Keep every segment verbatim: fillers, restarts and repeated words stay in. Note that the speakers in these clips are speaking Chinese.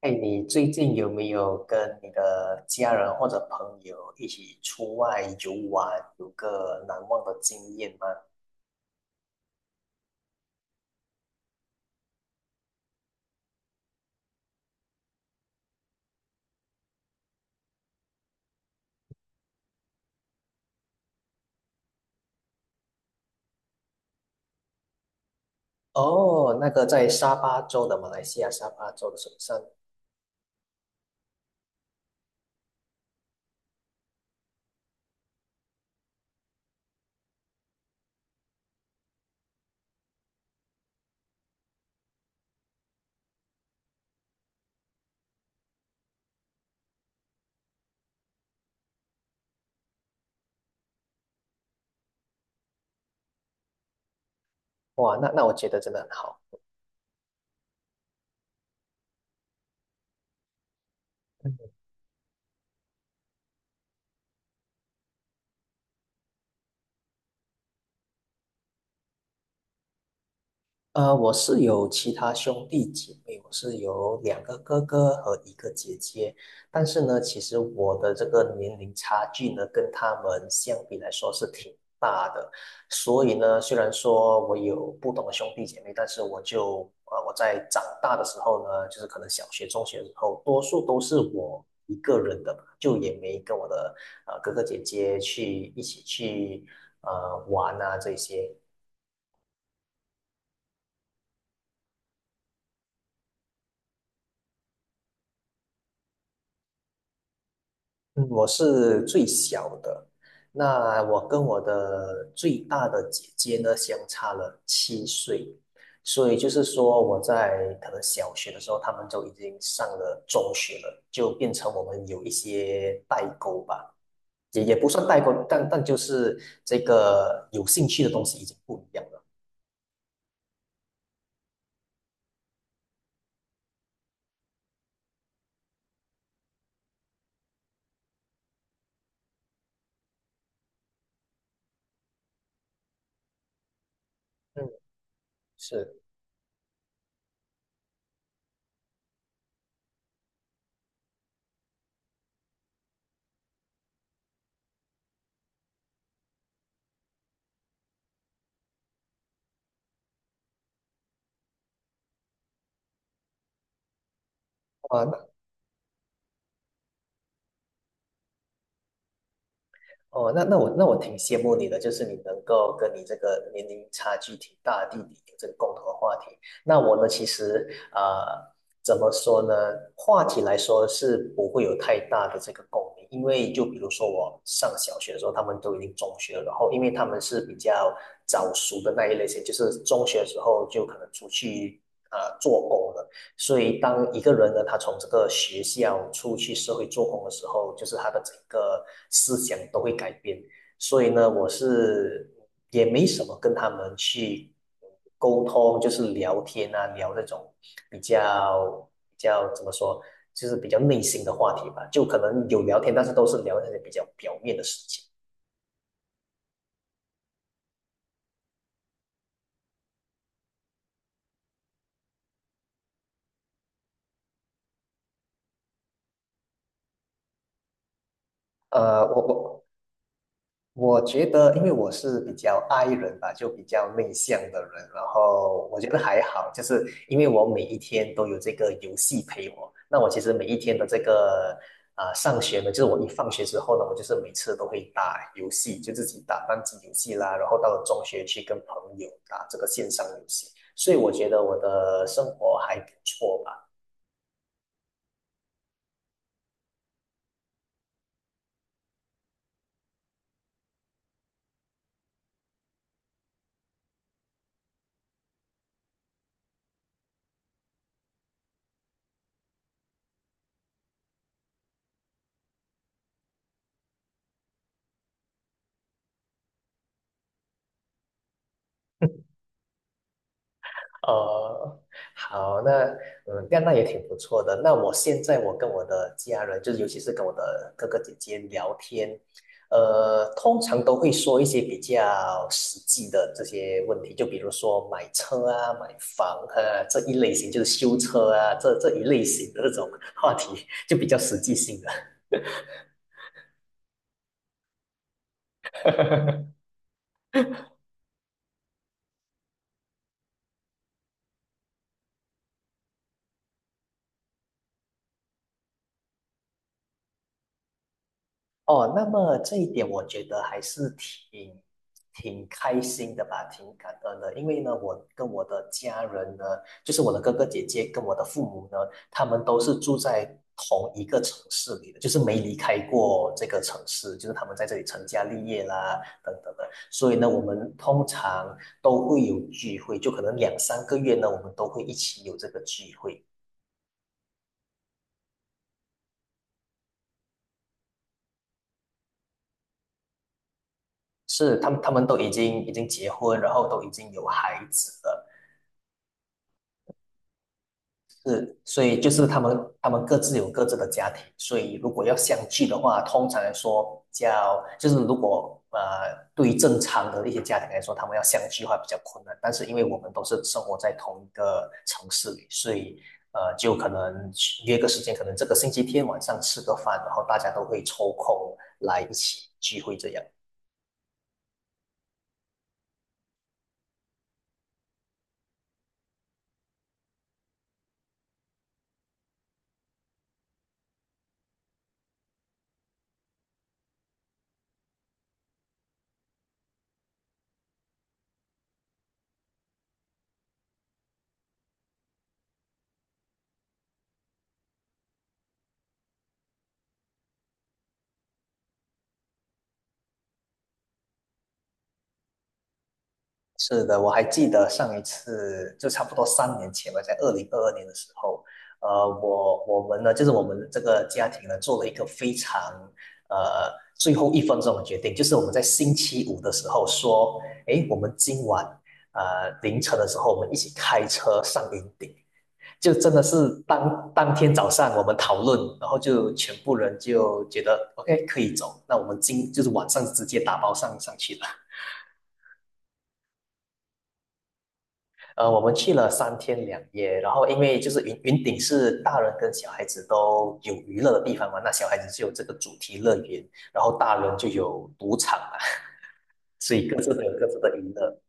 哎，你最近有没有跟你的家人或者朋友一起出外游玩，有个难忘的经验吗？哦，那个在沙巴州的马来西亚沙巴州的首山。哇，那那我觉得真的很好。呃，我是有其他兄弟姐妹，我是有两个哥哥和一个姐姐，但是呢，其实我的这个年龄差距呢，跟他们相比来说是挺大的。所以呢，虽然说我有不同的兄弟姐妹，但是我就呃，我在长大的时候呢，就是可能小学、中学的时候，多数都是我一个人的嘛，就也没跟我的呃哥哥姐姐去一起去呃玩啊这些。嗯，我是最小的，那我跟我的最大的姐姐呢相差了七岁，所以就是说我在可能小学的时候，他们就已经上了中学了，就变成我们有一些代沟吧，也也不算代沟，但但就是这个有兴趣的东西已经不一样了。嗯，是啊，那。哦，那那我那我挺羡慕你的，就是你能够跟你这个年龄差距挺大的弟弟有这个共同的话题。那我呢，其实呃，怎么说呢？话题来说是不会有太大的这个共鸣，因为就比如说我上小学的时候，他们都已经中学了，然后因为他们是比较早熟的那一类型，就是中学的时候就可能出去呃做工了。所以，当一个人呢，他从这个学校出去社会做工的时候，就是他的整个思想都会改变。所以呢，我是也没什么跟他们去沟通，就是聊天啊，聊那种比较比较怎么说，就是比较内心的话题吧。就可能有聊天，但是都是聊那些比较表面的事情。呃，我我我觉得，因为我是比较 i 人吧，就比较内向的人，然后我觉得还好，就是因为我每一天都有这个游戏陪我，那我其实每一天的这个啊、上学呢，就是我一放学之后呢，我就是每次都会打游戏，就自己打单机游戏啦，然后到了中学去跟朋友打这个线上游戏，所以我觉得我的生活还不错吧。哦，好，那，嗯，这样那也挺不错的。那我现在我跟我的家人，就是尤其是跟我的哥哥姐姐聊天，呃，通常都会说一些比较实际的这些问题，就比如说买车啊、买房啊这一类型，就是修车啊这这一类型的这种话题，就比较实际性的。哦，那么这一点我觉得还是挺挺开心的吧，挺感恩的。因为呢，我跟我的家人呢，就是我的哥哥姐姐跟我的父母呢，他们都是住在同一个城市里的，就是没离开过这个城市，就是他们在这里成家立业啦，等等的。所以呢，我们通常都会有聚会，就可能两三个月呢，我们都会一起有这个聚会。是，他们他们都已经已经结婚，然后都已经有孩子了。是，所以就是他们他们各自有各自的家庭，所以如果要相聚的话，通常来说叫就是如果呃对于正常的一些家庭来说，他们要相聚的话比较困难。但是因为我们都是生活在同一个城市里，所以呃就可能约个时间，可能这个星期天晚上吃个饭，然后大家都会抽空来一起聚会这样。是的，我还记得上一次就差不多三年前吧，在二零二二年的时候，呃，我我们呢，就是我们这个家庭呢，做了一个非常呃最后一分钟的决定，就是我们在星期五的时候说，诶，我们今晚呃凌晨的时候，我们一起开车上云顶，就真的是当当天早上我们讨论，然后就全部人就觉得 O K 可以走，那我们今就是晚上直接打包上上去了。呃，我们去了三天两夜，然后因为就是云云顶是大人跟小孩子都有娱乐的地方嘛，那小孩子就有这个主题乐园，然后大人就有赌场嘛，所以各自都有各自的娱乐。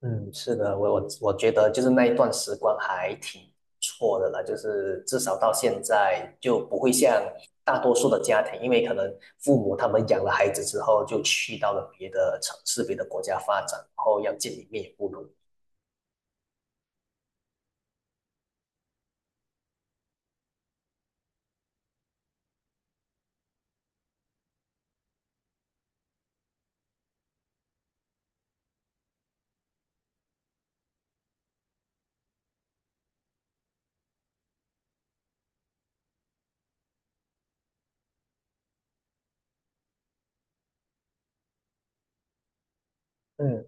嗯，是的，我我我觉得就是那一段时光还挺不错的啦，就是至少到现在就不会像大多数的家庭，因为可能父母他们养了孩子之后就去到了别的城市、别的国家发展，然后要见一面也不容易。嗯，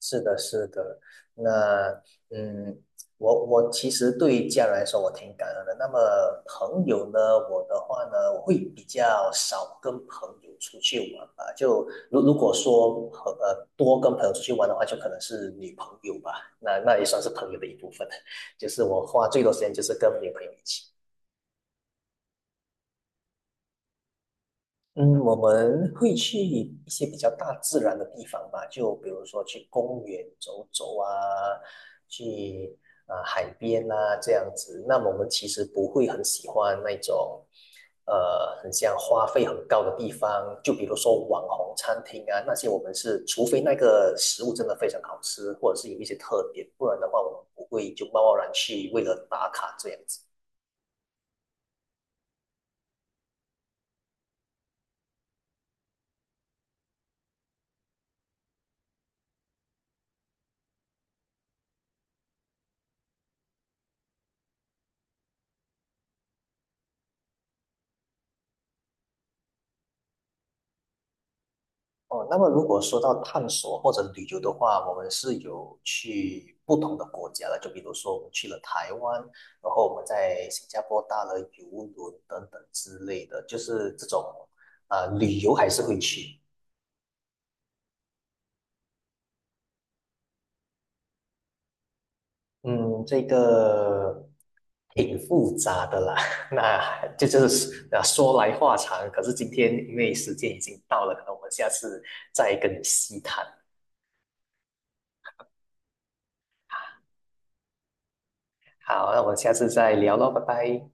是的，是的，那，嗯，我我其实对于家人来说，我挺感恩的。那么朋友呢，我的话呢，我会比较少跟朋友出去玩吧。就如如果说和呃多跟朋友出去玩的话，就可能是女朋友吧，那那也算是朋友的一部分。就是我花最多时间就是跟女朋友一起。嗯，我们会去一些比较大自然的地方吧，就比如说去公园走走啊，去啊呃海边啊这样子。那么我们其实不会很喜欢那种呃很像花费很高的地方，就比如说网红餐厅啊那些，我们是除非那个食物真的非常好吃，或者是有一些特点，不然的话我们不会就贸贸然去为了打卡这样子。哦，那么如果说到探索或者旅游的话，我们是有去不同的国家的，就比如说我们去了台湾，然后我们在新加坡搭了游轮等等之类的，就是这种呃旅游还是会去。嗯，这个挺复杂的啦，那这就是啊说来话长。可是今天因为时间已经到了，可能我们下次再跟你细谈。好，那我们下次再聊喽，拜拜。